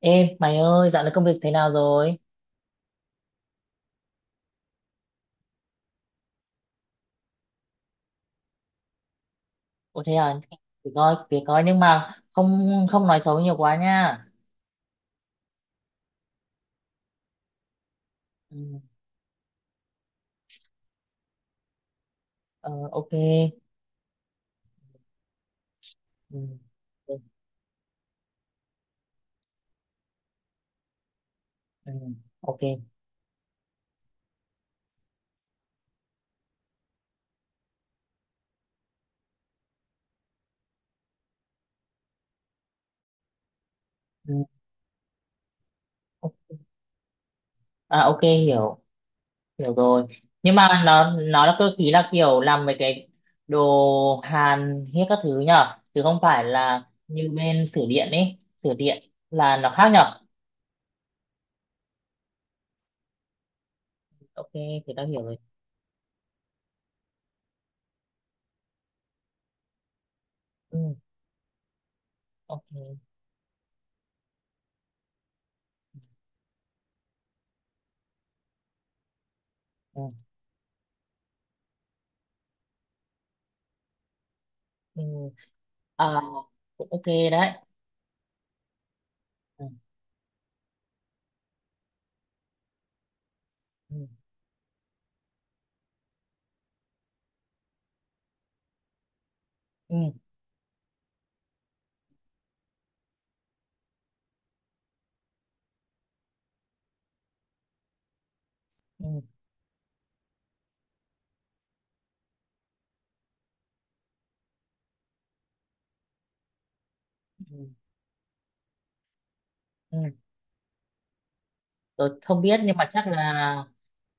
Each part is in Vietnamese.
Ê, mày ơi, dạo này công việc thế nào rồi? Ủa thế à, thì coi nhưng mà không không nói xấu nhiều quá nha. Ừ, ờ, ok. Ừ, ừ, ừ, ok. Ừ, ok. À, ok, hiểu rồi. Nhưng mà nó là cơ khí, là kiểu làm mấy cái đồ hàn hết các thứ nhở, chứ không phải là như bên sửa điện ấy, sửa điện là nó khác nhở. Ok, thì tao hiểu rồi. Ừ, ok. Ừ, ừ. À, cũng ok đấy. Ừ. Ừ, ừ, ừ, ừ. Ừ. Tôi không biết nhưng mà chắc là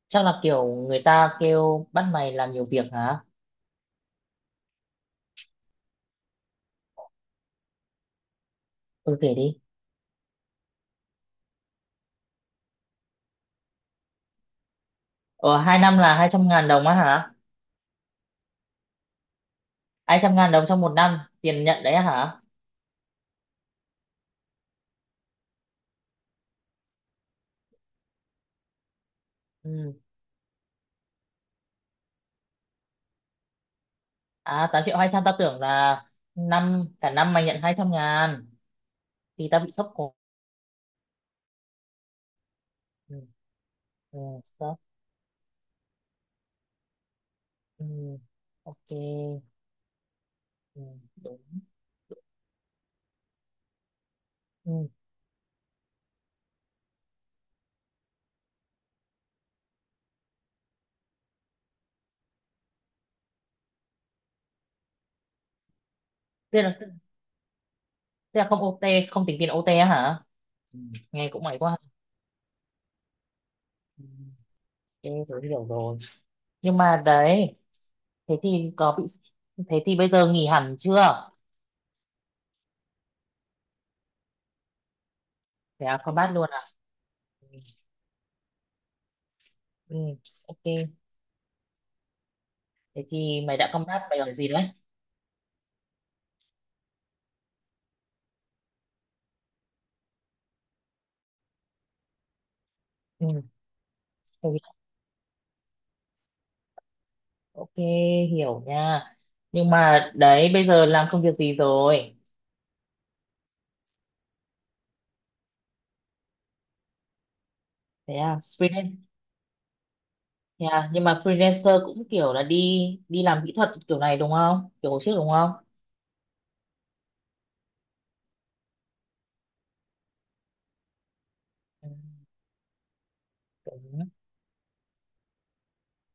chắc là kiểu người ta kêu bắt mày làm nhiều việc hả? Ừ kể đi. Ờ hai năm là hai trăm ngàn đồng á hả? Hai trăm ngàn đồng trong một năm tiền nhận đấy á hả? Ừ. À 8 triệu 200 tao tưởng là năm cả năm mày nhận 200 ngàn thì tao bị sốc cổ. Ừ. Ừ. Sốc. Ừ. Ok. Ừ. Đúng. Ừ. Thế là không OT, không tính tiền OT á hả? Ừ. Nghe cũng mày quá. Ha. Em tớ hiểu rồi. Nhưng mà đấy, thế thì có bị, thế thì bây giờ nghỉ hẳn chưa? Thế à, combat luôn à? Ừ, ừ, ok. Thế thì mày đã combat mày ở gì đấy? Ừ, tớ hiểu. Ok, hiểu nha. Nhưng mà đấy, bây giờ làm công việc gì rồi? Thế à, freelance. Thế à, nhưng mà freelancer cũng kiểu là đi đi làm kỹ thuật kiểu này đúng không? Kiểu hồi trước đúng không? Ừ, đúng.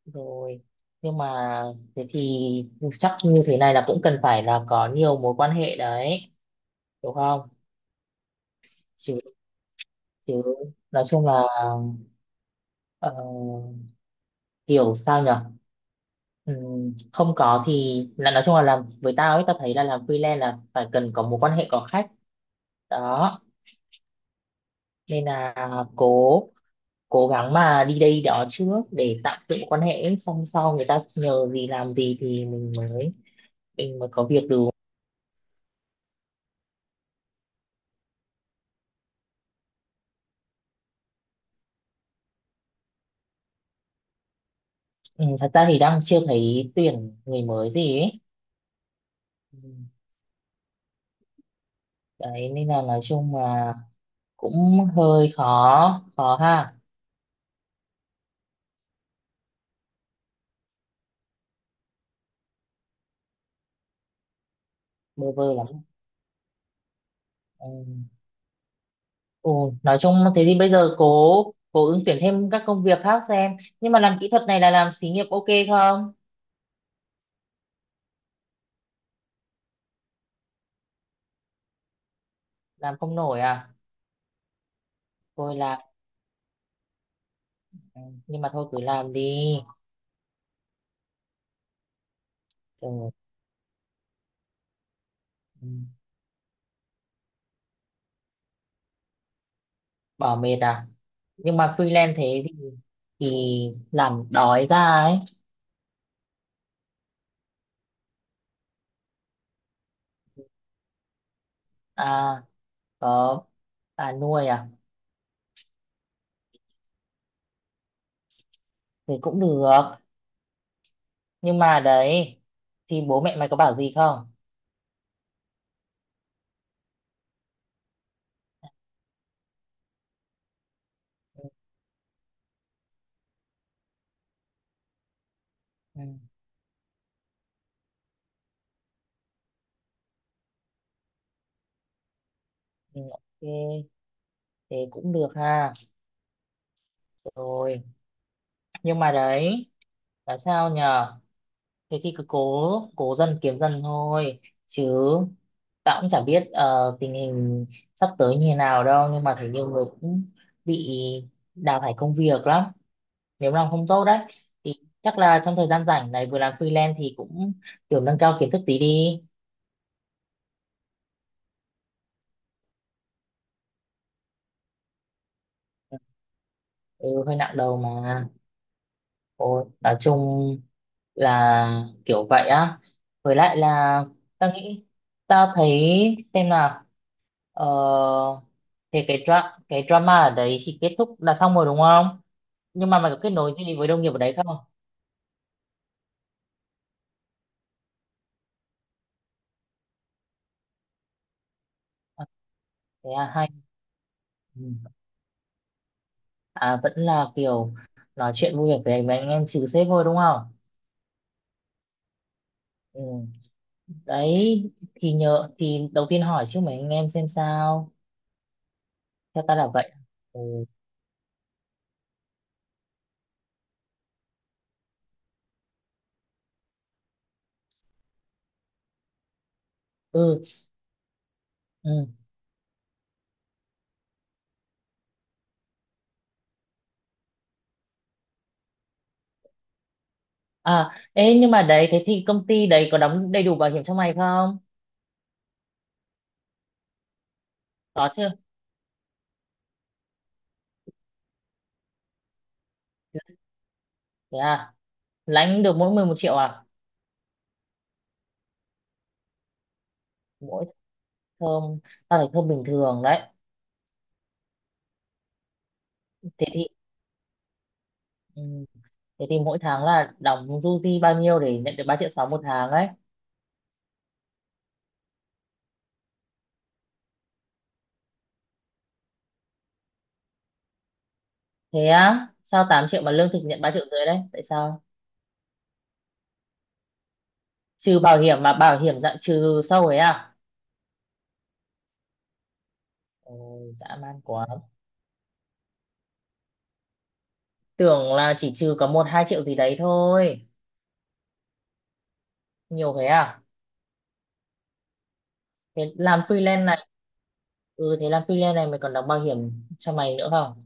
Rồi nhưng mà thế thì chắc như thế này là cũng cần phải là có nhiều mối quan hệ đấy, hiểu không? Chứ chứ nói chung là ờ, kiểu sao nhở. Không có thì là nói chung là làm với tao ấy, tao thấy là làm freelance là phải cần có mối quan hệ, có khách đó, nên là cố cố gắng mà đi đây đó trước để tạo dựng quan hệ, xong sau người ta nhờ gì làm gì thì mình mới có việc được. Ừ, thật ra thì đang chưa thấy tuyển người mới gì ấy. Ừ. Đấy nên là nói chung là cũng hơi khó khó ha, bơ vơ lắm, ừ. Ừ, nói chung thế thì bây giờ cố cố ứng tuyển thêm các công việc khác xem, nhưng mà làm kỹ thuật này là làm xí nghiệp ok không? Làm không nổi à? Thôi làm, ừ. Nhưng mà thôi cứ làm đi, ừ. Ừ. Bỏ mệt à? Nhưng mà freelance thế thì làm đói ra ấy. À, có bà nuôi à? Thì cũng được, nhưng mà đấy thì bố mẹ mày có bảo gì không? Ừ, ừ, ok, thế cũng được ha. Rồi nhưng mà đấy là sao nhờ, thế thì cứ cố cố dần kiếm dần thôi chứ. Tao cũng chả biết tình hình sắp tới như thế nào đâu, nhưng mà thấy nhiều người cũng bị đào thải công việc lắm nếu làm không tốt đấy, thì chắc là trong thời gian rảnh này vừa làm freelance thì cũng kiểu nâng cao kiến thức tí đi. Ừ, hơi nặng đầu mà. Ồ, nói chung là kiểu vậy á, với lại là ta nghĩ, ta thấy xem là, ờ, thì cái drama ở đấy thì kết thúc là xong rồi đúng không? Nhưng mà mày có kết nối gì với đồng nghiệp ở đấy không? À, thế à, hay. Ừ. À vẫn là kiểu nói chuyện vui vẻ với mấy anh em, trừ sếp thôi đúng không? Ừ. Đấy thì nhờ thì đầu tiên hỏi chứ mấy anh em xem sao, theo ta là vậy. Ừ. Ừ. À, ê, nhưng mà đấy, thế thì công ty đấy có đóng đầy đủ bảo hiểm cho mày không? Có chưa? Thế à, lãnh được mỗi mười một triệu à? Mỗi thơm, tao thấy thơm bình thường đấy. Thế thì, ừ, thế thì mỗi tháng là đóng du di bao nhiêu để nhận được 3 triệu 6 một tháng ấy? Thế á, sao 8 triệu mà lương thực nhận 3 triệu rưỡi đấy? Tại sao? Trừ bảo hiểm mà bảo hiểm dạng trừ sâu ấy à? Ôi, dã man quá. Tưởng là chỉ trừ có một hai triệu gì đấy thôi. Nhiều thế à? Thế làm freelance này, ừ thế làm freelance này mày còn đóng bảo hiểm cho mày nữa không?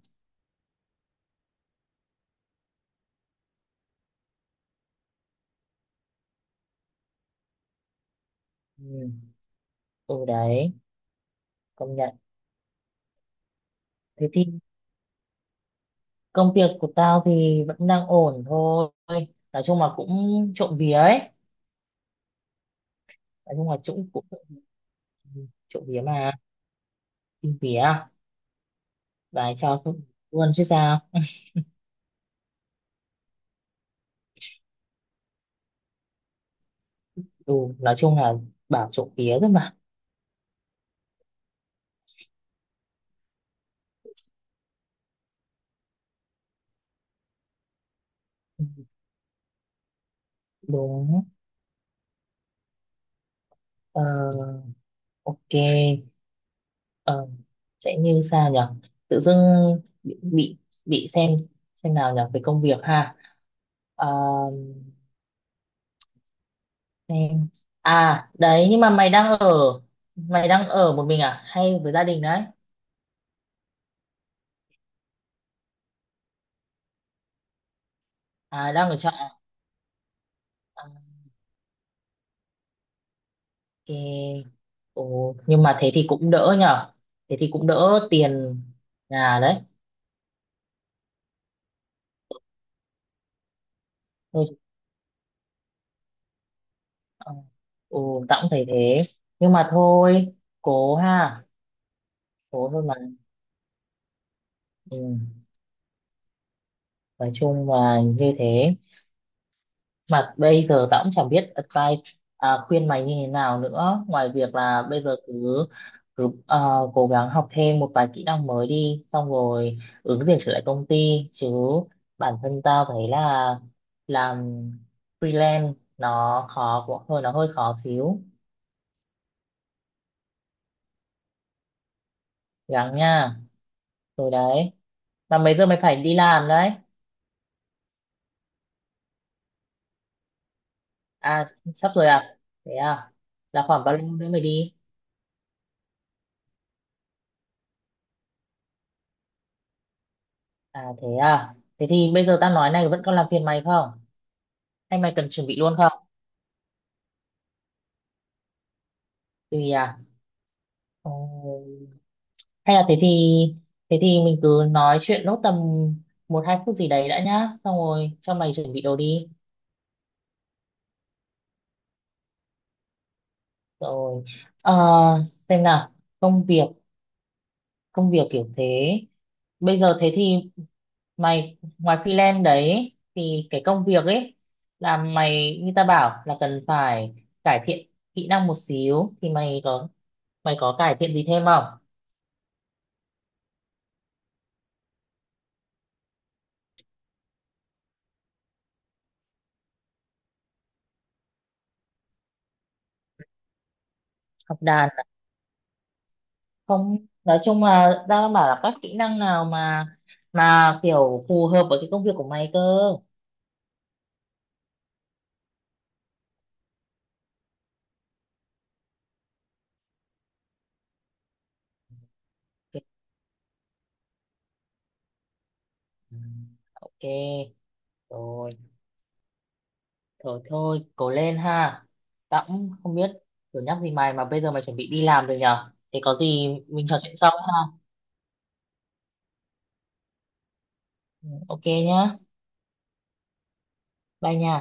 Ừ. Ừ đấy, công nhận. Thế thì công việc của tao thì vẫn đang ổn thôi, nói chung là cũng trộm vía ấy. Nói chung là cũng cũng trộm vía mà, trộm vía và cho luôn chứ sao. Ừ nói chung là bảo trộm vía thôi mà. Ừ, đúng, ờ, ok, ờ, sẽ như sao nhở, tự dưng bị bị, bị xem nào nhở về công việc ha. Ờ, em. À đấy nhưng mà mày đang ở một mình à hay với gia đình đấy? À đang ở trọ à? À, ok. Ồ, nhưng mà thế thì cũng đỡ nhở, thế thì cũng đỡ tiền nhà đấy. Thôi ờ, ồ tao cũng thấy thế, nhưng mà thôi cố ha, cố thôi mà. Ừ. Nói chung là như thế, mà bây giờ tao cũng chẳng biết advice, à, khuyên mày như thế nào nữa ngoài việc là bây giờ cứ cứ cố gắng học thêm một vài kỹ năng mới đi, xong rồi ứng tuyển trở lại công ty chứ. Bản thân tao thấy là làm freelance nó khó, cũng hơi nó hơi khó xíu. Gắng nha. Rồi đấy, mà mấy giờ mày phải đi làm đấy? À sắp rồi à, thế à, là khoảng bao lâu nữa mày đi? À thế à, thế thì bây giờ tao nói này vẫn còn làm phiền mày không? Anh mày cần chuẩn bị luôn không? Tùy à? Ờ, hay là thế thì, thế thì mình cứ nói chuyện nốt tầm một hai phút gì đấy đã nhá. Xong rồi cho mày chuẩn bị đồ đi. Rồi. Ờ, xem nào, công việc, công việc kiểu thế. Bây giờ thế thì mày ngoài freelance đấy thì cái công việc ấy, là mày như ta bảo là cần phải cải thiện kỹ năng một xíu, thì mày có cải thiện gì thêm không? Học đàn không, nói chung là đang bảo là các kỹ năng nào mà kiểu phù hợp với cái công việc của mày cơ. Kiểu, ừ, ok, rồi thôi thôi cố lên ha. Tao cũng không biết kiểu nhắc gì mày, mà bây giờ mày chuẩn bị đi làm rồi nhở, thế có gì mình trò chuyện sau ha. Ừ, ok nhá. Bye nha.